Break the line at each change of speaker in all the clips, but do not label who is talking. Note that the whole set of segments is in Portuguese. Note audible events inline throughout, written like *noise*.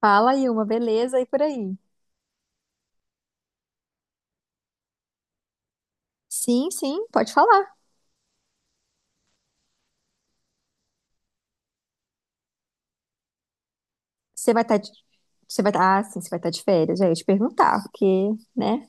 Fala, Ilma, beleza? E por aí? Sim, sim, pode falar. Você vai estar de... você vai tá... Ah, sim, Você vai estar de férias, já ia te perguntar, porque, né?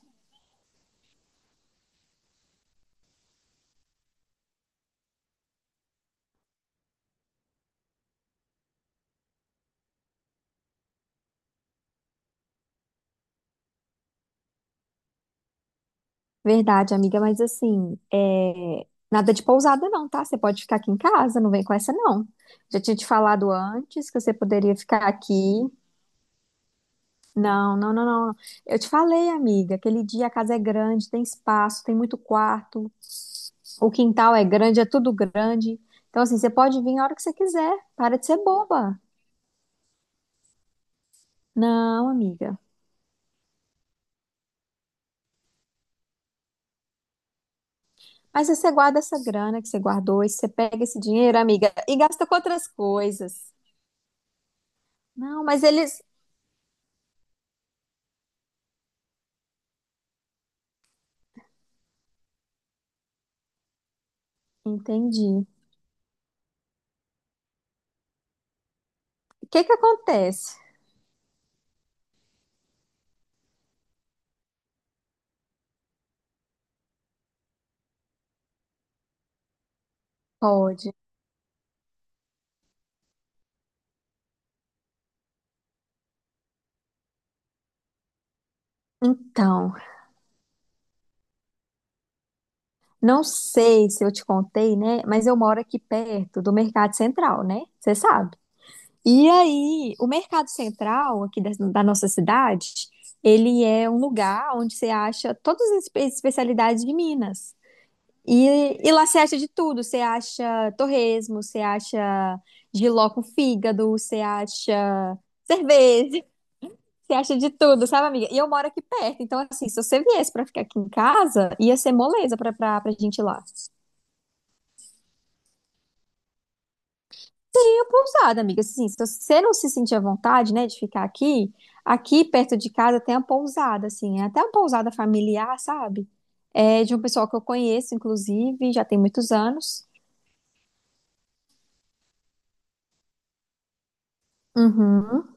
Verdade, amiga, mas assim, nada de pousada não, tá? Você pode ficar aqui em casa, não vem com essa não. Já tinha te falado antes que você poderia ficar aqui. Não, não, não, não. Eu te falei, amiga, aquele dia a casa é grande, tem espaço, tem muito quarto, o quintal é grande, é tudo grande. Então, assim, você pode vir a hora que você quiser. Para de ser boba. Não, amiga. Mas aí você guarda essa grana que você guardou, e você pega esse dinheiro, amiga, e gasta com outras coisas. Não, mas eles. Entendi. O que que acontece? Pode. Então, não sei se eu te contei, né? Mas eu moro aqui perto do Mercado Central, né? Você sabe. E aí, o Mercado Central aqui da nossa cidade, ele é um lugar onde você acha todas as especialidades de Minas. E lá você acha de tudo. Você acha torresmo, você acha jiló com fígado, você acha cerveja, *laughs* você acha de tudo, sabe, amiga? E eu moro aqui perto, então, assim, se você viesse pra ficar aqui em casa, ia ser moleza pra gente ir lá. E a pousada, amiga, assim, se você não se sentir à vontade, né, de ficar aqui, aqui perto de casa tem uma pousada, assim, é até uma pousada familiar, sabe? É de um pessoal que eu conheço, inclusive, já tem muitos anos. Uhum.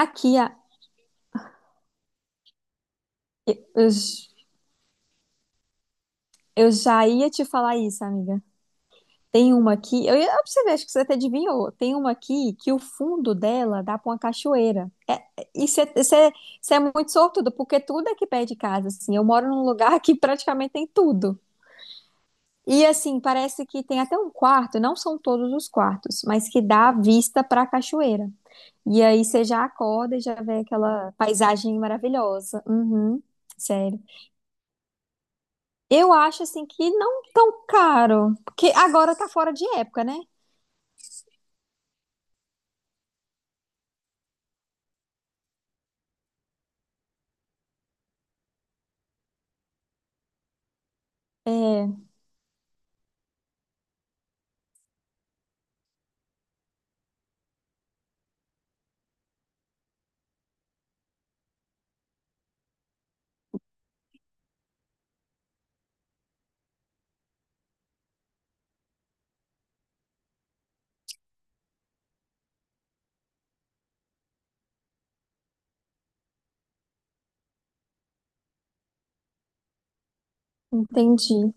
Aqui, a- os- Eu já ia te falar isso, amiga. Tem uma aqui, eu ia observar, acho que você até adivinhou. Tem uma aqui que o fundo dela dá para uma cachoeira. E você é muito sortudo, porque tudo é aqui perto de casa, assim. Eu moro num lugar *laughs* que praticamente tem tudo. E assim, parece que tem até um quarto, não são todos os quartos, mas que dá vista para a cachoeira. E aí você já acorda e já vê aquela paisagem maravilhosa. Uhum, sério. Eu acho assim que não tão caro, porque agora tá fora de época, né? Entendi.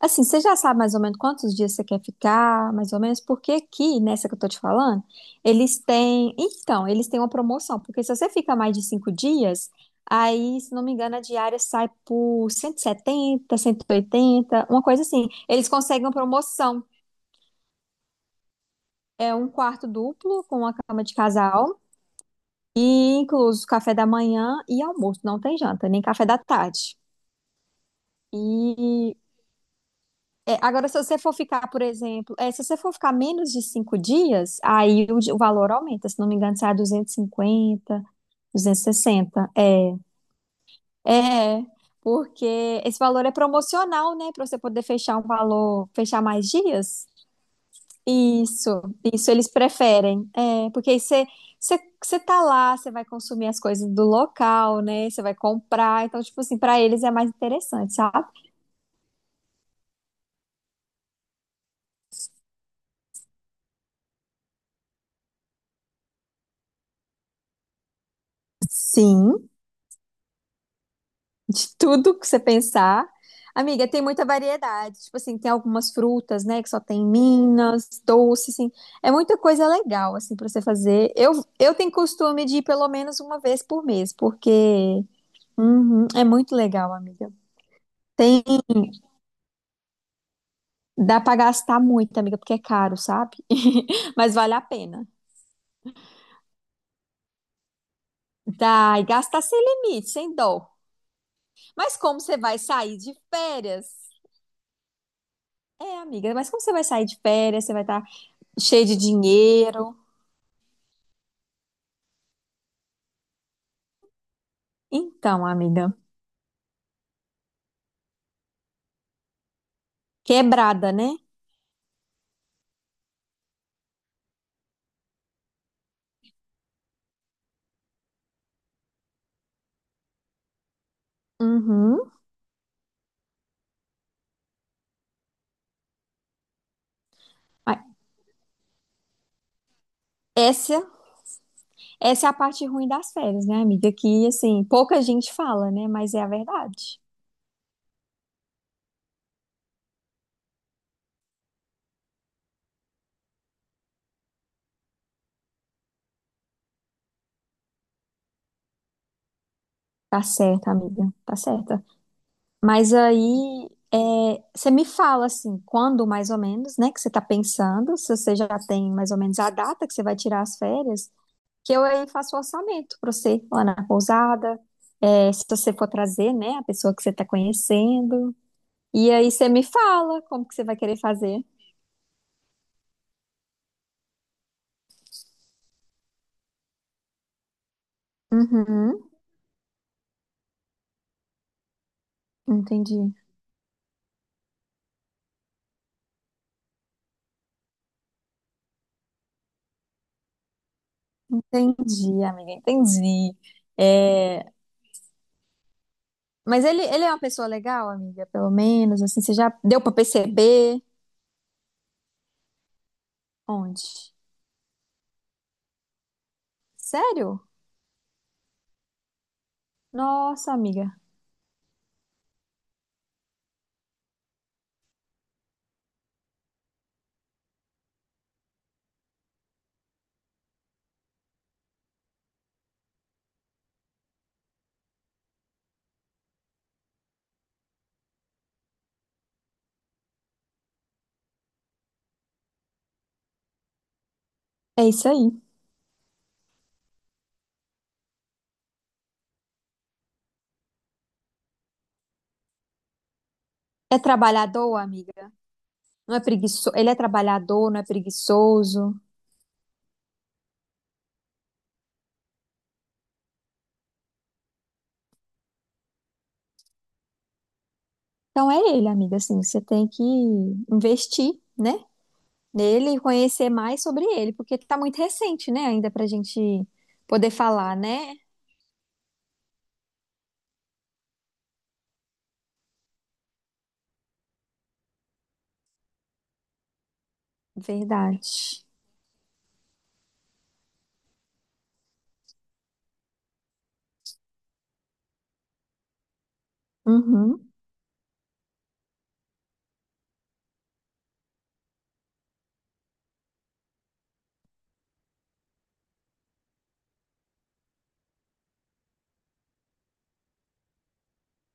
Assim, você já sabe mais ou menos quantos dias você quer ficar, mais ou menos, porque aqui, nessa que eu tô te falando, eles têm. Então, eles têm uma promoção, porque se você fica mais de 5 dias, aí, se não me engano, a diária sai por cento setenta, 180, uma coisa assim. Eles conseguem uma promoção. É um quarto duplo com uma cama de casal, e incluso café da manhã e almoço. Não tem janta, nem café da tarde. E é, agora, se você for ficar, por exemplo, se você for ficar menos de 5 dias, aí o valor aumenta. Se não me engano, sai 250, 260. É, porque esse valor é promocional, né? Para você poder fechar um valor, fechar mais dias. Isso, isso eles preferem. É, porque aí você tá lá, você vai consumir as coisas do local, né? Você vai comprar. Então, tipo assim, para eles é mais interessante, sabe? Sim. De tudo que você pensar. Amiga, tem muita variedade. Tipo assim, tem algumas frutas, né, que só tem em Minas, doce, assim. É muita coisa legal, assim, pra você fazer. Eu tenho costume de ir pelo menos uma vez por mês, porque uhum, é muito legal, amiga. Tem, dá pra gastar muito, amiga, porque é caro, sabe? *laughs* Mas vale a pena. Dá, e gastar sem limite, sem dó. Mas como você vai sair de férias? É, amiga, mas como você vai sair de férias? Você vai estar cheio de dinheiro. Então, amiga, quebrada, né? Uhum. Ah, Essa, essa é a parte ruim das férias, né, amiga? Que, assim, pouca gente fala, né? Mas é a verdade. Tá certa, amiga, tá certa. Mas aí, é, você me fala, assim, quando mais ou menos, né, que você tá pensando, se você já tem mais ou menos a data que você vai tirar as férias, que eu aí faço o orçamento pra você lá na pousada, é, se você for trazer, né, a pessoa que você tá conhecendo. E aí você me fala como que você vai querer fazer. Uhum, entendi. Entendi, amiga, entendi. É, mas ele é uma pessoa legal, amiga, pelo menos, assim, você já deu pra perceber? Onde? Sério? Nossa, amiga, é isso aí. É trabalhador, amiga. Não é preguiçoso, ele é trabalhador, não é preguiçoso. Então é ele, amiga, assim, você tem que investir, né? Nele e conhecer mais sobre ele, porque tá muito recente, né, ainda pra gente poder falar, né? Verdade. Uhum.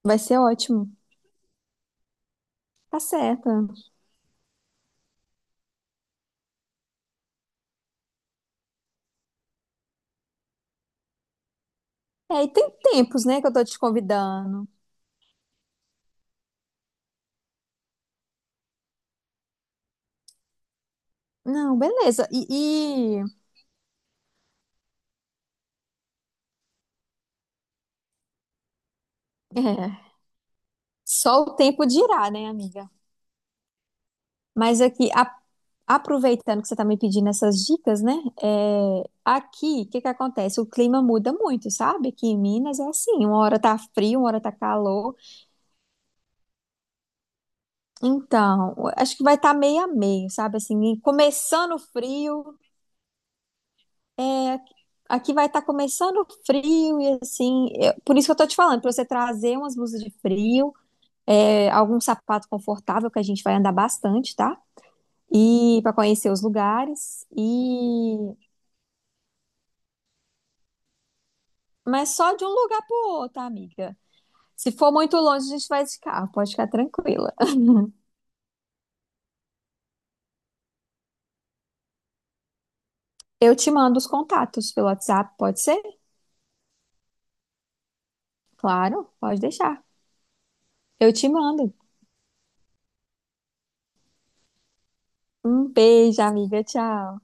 Vai ser ótimo. Tá certa. É, e tem tempos, né, que eu tô te convidando. Não, beleza. É, só o tempo dirá, né, amiga? Mas aqui, a- Aproveitando que você tá me pedindo essas dicas, né? É, aqui, o que que acontece? O clima muda muito, sabe? Aqui em Minas é assim, uma hora tá frio, uma hora tá calor. Então, acho que vai estar tá meio a meio, sabe? Assim, começando frio. Aqui vai estar começando frio e assim, por isso que eu tô te falando, para você trazer umas blusas de frio, é, algum sapato confortável que a gente vai andar bastante, tá? E para conhecer os lugares e mas só de um lugar pro outro, amiga. Se for muito longe, a gente vai de carro, pode ficar tranquila. Eu te mando os contatos pelo WhatsApp, pode ser? Claro, pode deixar. Eu te mando. Um beijo, amiga. Tchau.